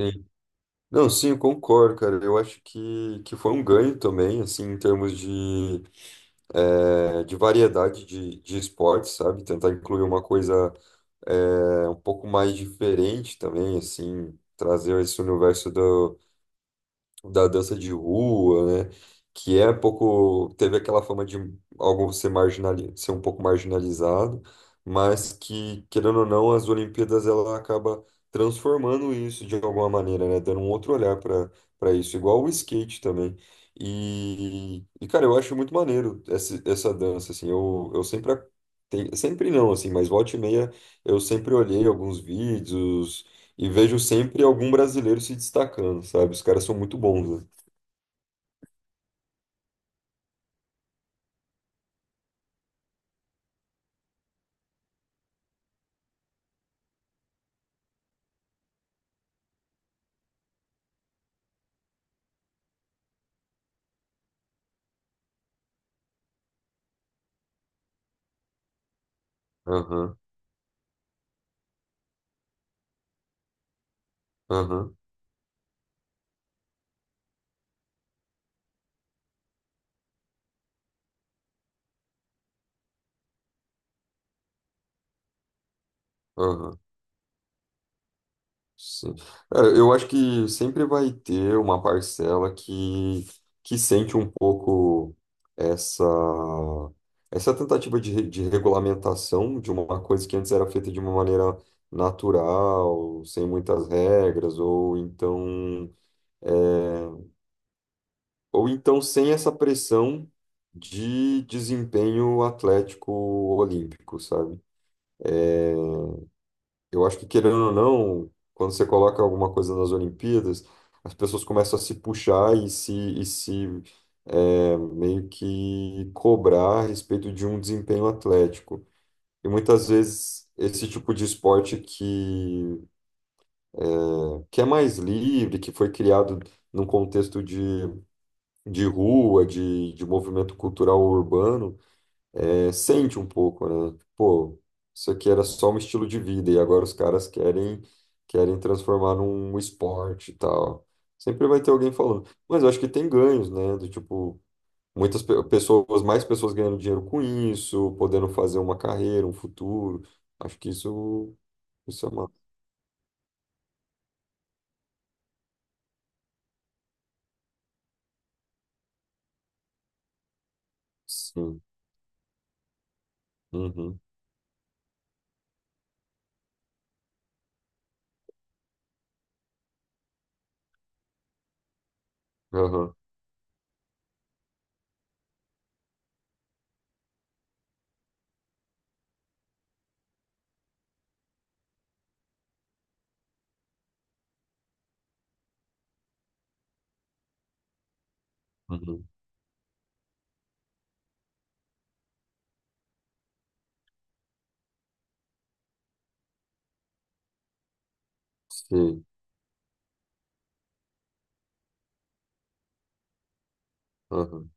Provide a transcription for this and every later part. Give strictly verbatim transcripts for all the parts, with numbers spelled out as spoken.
Sim. Não, sim, eu concordo, cara. Eu acho que, que foi um ganho também, assim, em termos de, eh, de variedade de, de esportes, sabe? Tentar incluir uma coisa é um pouco mais diferente também, assim, trazer esse universo do da dança de rua, né? Que é um pouco, teve aquela fama de algo ser marginali, ser um pouco marginalizado, mas que, querendo ou não, as Olimpíadas ela acaba transformando isso de alguma maneira, né? Dando um outro olhar para para isso, igual o skate também. E, e, cara, eu acho muito maneiro essa, essa dança, assim, eu, eu sempre, a- tem- sempre não, assim, mas volta e meia eu sempre olhei alguns vídeos, e vejo sempre algum brasileiro se destacando, sabe? Os caras são muito bons, né? Aham, aham, aham. Sim. Cara, eu acho que sempre vai ter uma parcela que, que sente um pouco essa, essa tentativa de, re- de regulamentação de uma coisa que antes era feita de uma maneira natural, sem muitas regras, ou então é, Ou então sem essa pressão de desempenho atlético olímpico, sabe? Eu acho que, querendo ou não, quando você coloca alguma coisa nas Olimpíadas, as pessoas começam a se puxar e se, e se é, meio que cobrar a respeito de um desempenho atlético. E muitas vezes esse tipo de esporte que, que é mais livre, que foi criado num contexto de, de rua, de, de movimento cultural urbano, é, sente um pouco, né? Pô, isso aqui era só um estilo de vida e agora os caras querem querem transformar num esporte e tal. Sempre vai ter alguém falando. Mas eu acho que tem ganhos, né? Do tipo, muitas pe- pessoas, mais pessoas ganhando dinheiro com isso, podendo fazer uma carreira, um futuro. Acho que isso, isso é uma. Sim. Uhum. Aham. Uhum. Sim. Aham.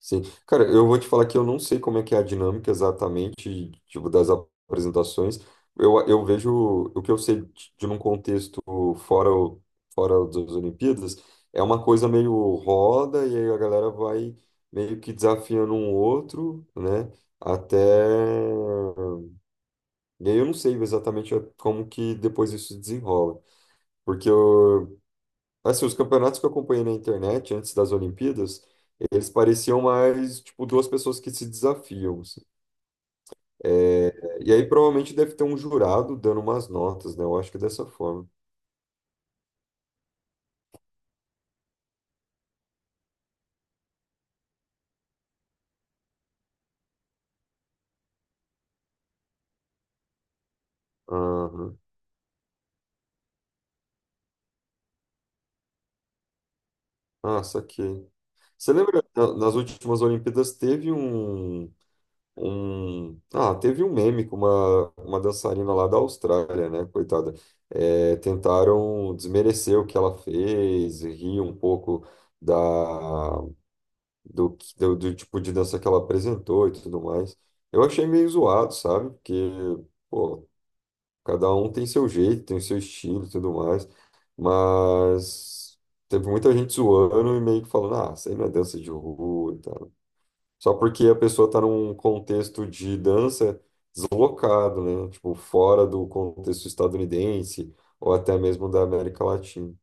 Sim. Cara, eu vou te falar que eu não sei como é que é a dinâmica exatamente, tipo, das apresentações. Eu, eu vejo o que eu sei de de num contexto fora, o- fora das Olimpíadas, é uma coisa meio roda, e aí a galera vai meio que desafiando um outro, né? Até. E aí eu não sei exatamente como que depois isso se desenrola. Porque eu, Assim, os campeonatos que eu acompanhei na internet antes das Olimpíadas, eles pareciam mais, tipo, duas pessoas que se desafiam, assim. É, e aí provavelmente deve ter um jurado dando umas notas, né? Eu acho que é dessa forma. Aham. Ah, saquei. Você lembra, na- nas últimas Olimpíadas teve um, um... Ah, teve um meme com uma, uma dançarina lá da Austrália, né? Coitada. É, tentaram desmerecer o que ela fez, rir um pouco da do, que- do, do tipo de dança que ela apresentou e tudo mais. Eu achei meio zoado, sabe? Porque, pô, cada um tem seu jeito, tem seu estilo e tudo mais. Mas teve muita gente zoando e meio que falando, ah, isso aí não é dança de rua e tal. Só porque a pessoa tá num contexto de dança deslocado, né? Tipo, fora do contexto estadunidense ou até mesmo da América Latina.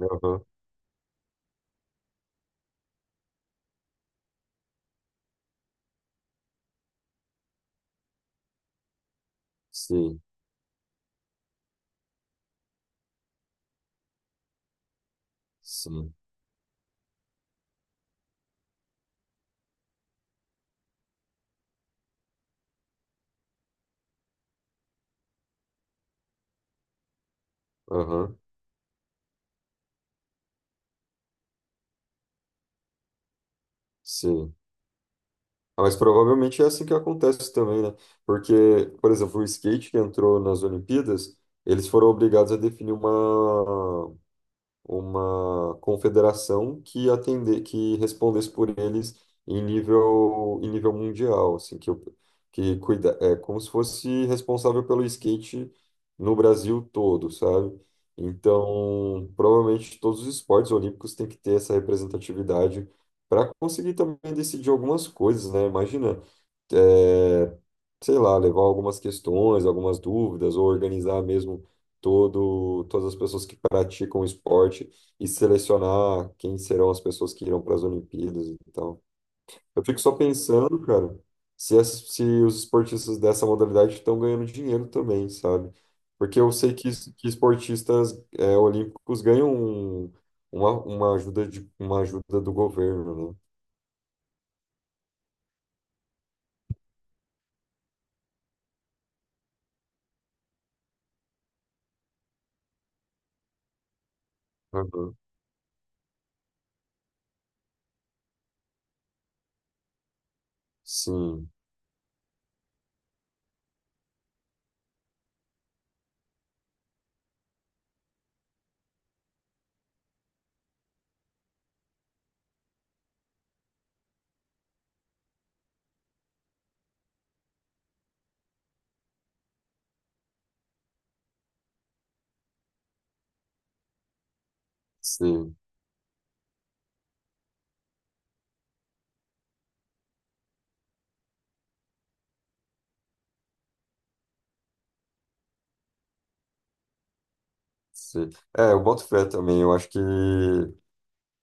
Aham, sim, sim, aham, sim. Ah, mas provavelmente é assim que acontece também, né? Porque, por exemplo, o skate que entrou nas Olimpíadas, eles foram obrigados a definir uma, uma confederação que atender, que respondesse por eles em nível, em nível mundial, assim, que, o- que cuida, é como se fosse responsável pelo skate no Brasil todo, sabe? Então, provavelmente todos os esportes olímpicos têm que ter essa representatividade para conseguir também decidir algumas coisas, né? Imagina é, sei lá, levar algumas questões, algumas dúvidas, ou organizar mesmo todo, todas as pessoas que praticam esporte e selecionar quem serão as pessoas que irão para as Olimpíadas e tal. Eu fico só pensando, cara, se, as, se os esportistas dessa modalidade estão ganhando dinheiro também, sabe? Porque eu sei que, es- que esportistas é, olímpicos ganham um- uma, uma ajuda de, uma ajuda do governo, né? Aham. Sim, sim. Sim. É, eu boto fé também. Eu acho que,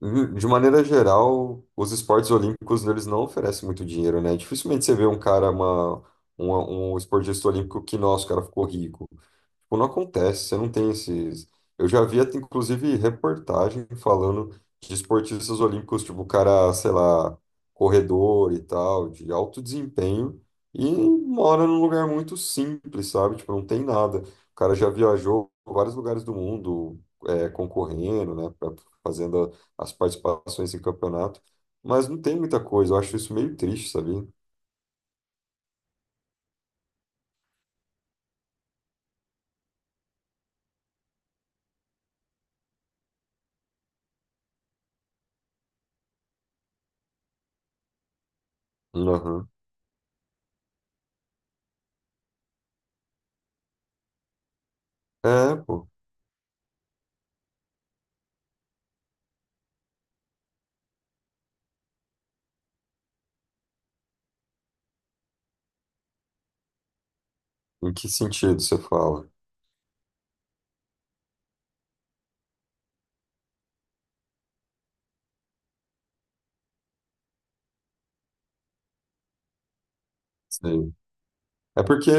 hum, de maneira geral, os esportes olímpicos eles não oferecem muito dinheiro, né? Dificilmente você vê um cara, uma, uma- um esportista olímpico que, nossa, o cara ficou rico. Tipo, não acontece, você não tem esses. Eu já vi, até, inclusive, reportagem falando de esportistas olímpicos, tipo, o cara, sei lá, corredor e tal, de alto desempenho, e mora num lugar muito simples, sabe? Tipo, não tem nada. O cara já viajou por vários lugares do mundo, é, concorrendo, né? pra- Fazendo as participações em campeonato, mas não tem muita coisa. Eu acho isso meio triste, sabia? Uhum. É, pô. Em que sentido você fala? Sei. É porque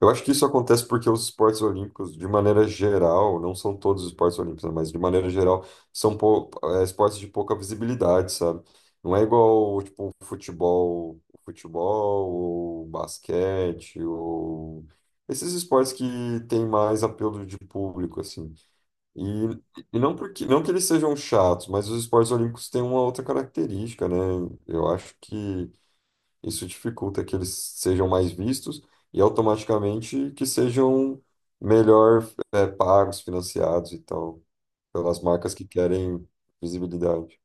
Eu acho que isso acontece porque os esportes olímpicos, de maneira geral, não são todos os esportes olímpicos, né, mas de maneira geral, são pou- é, esportes de pouca visibilidade, sabe? Não é igual, tipo, futebol, futebol, ou basquete, ou esses esportes que têm mais apelo de público, assim. E, e não porque, não que eles sejam chatos, mas os esportes olímpicos têm uma outra característica, né? Eu acho que isso dificulta que eles sejam mais vistos e automaticamente que sejam melhor, eh, pagos, financiados e tal, pelas marcas que querem visibilidade.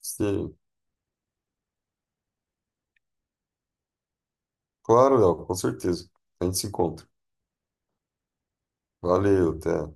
Sim, claro, Léo, com certeza. A gente se encontra. Valeu, até.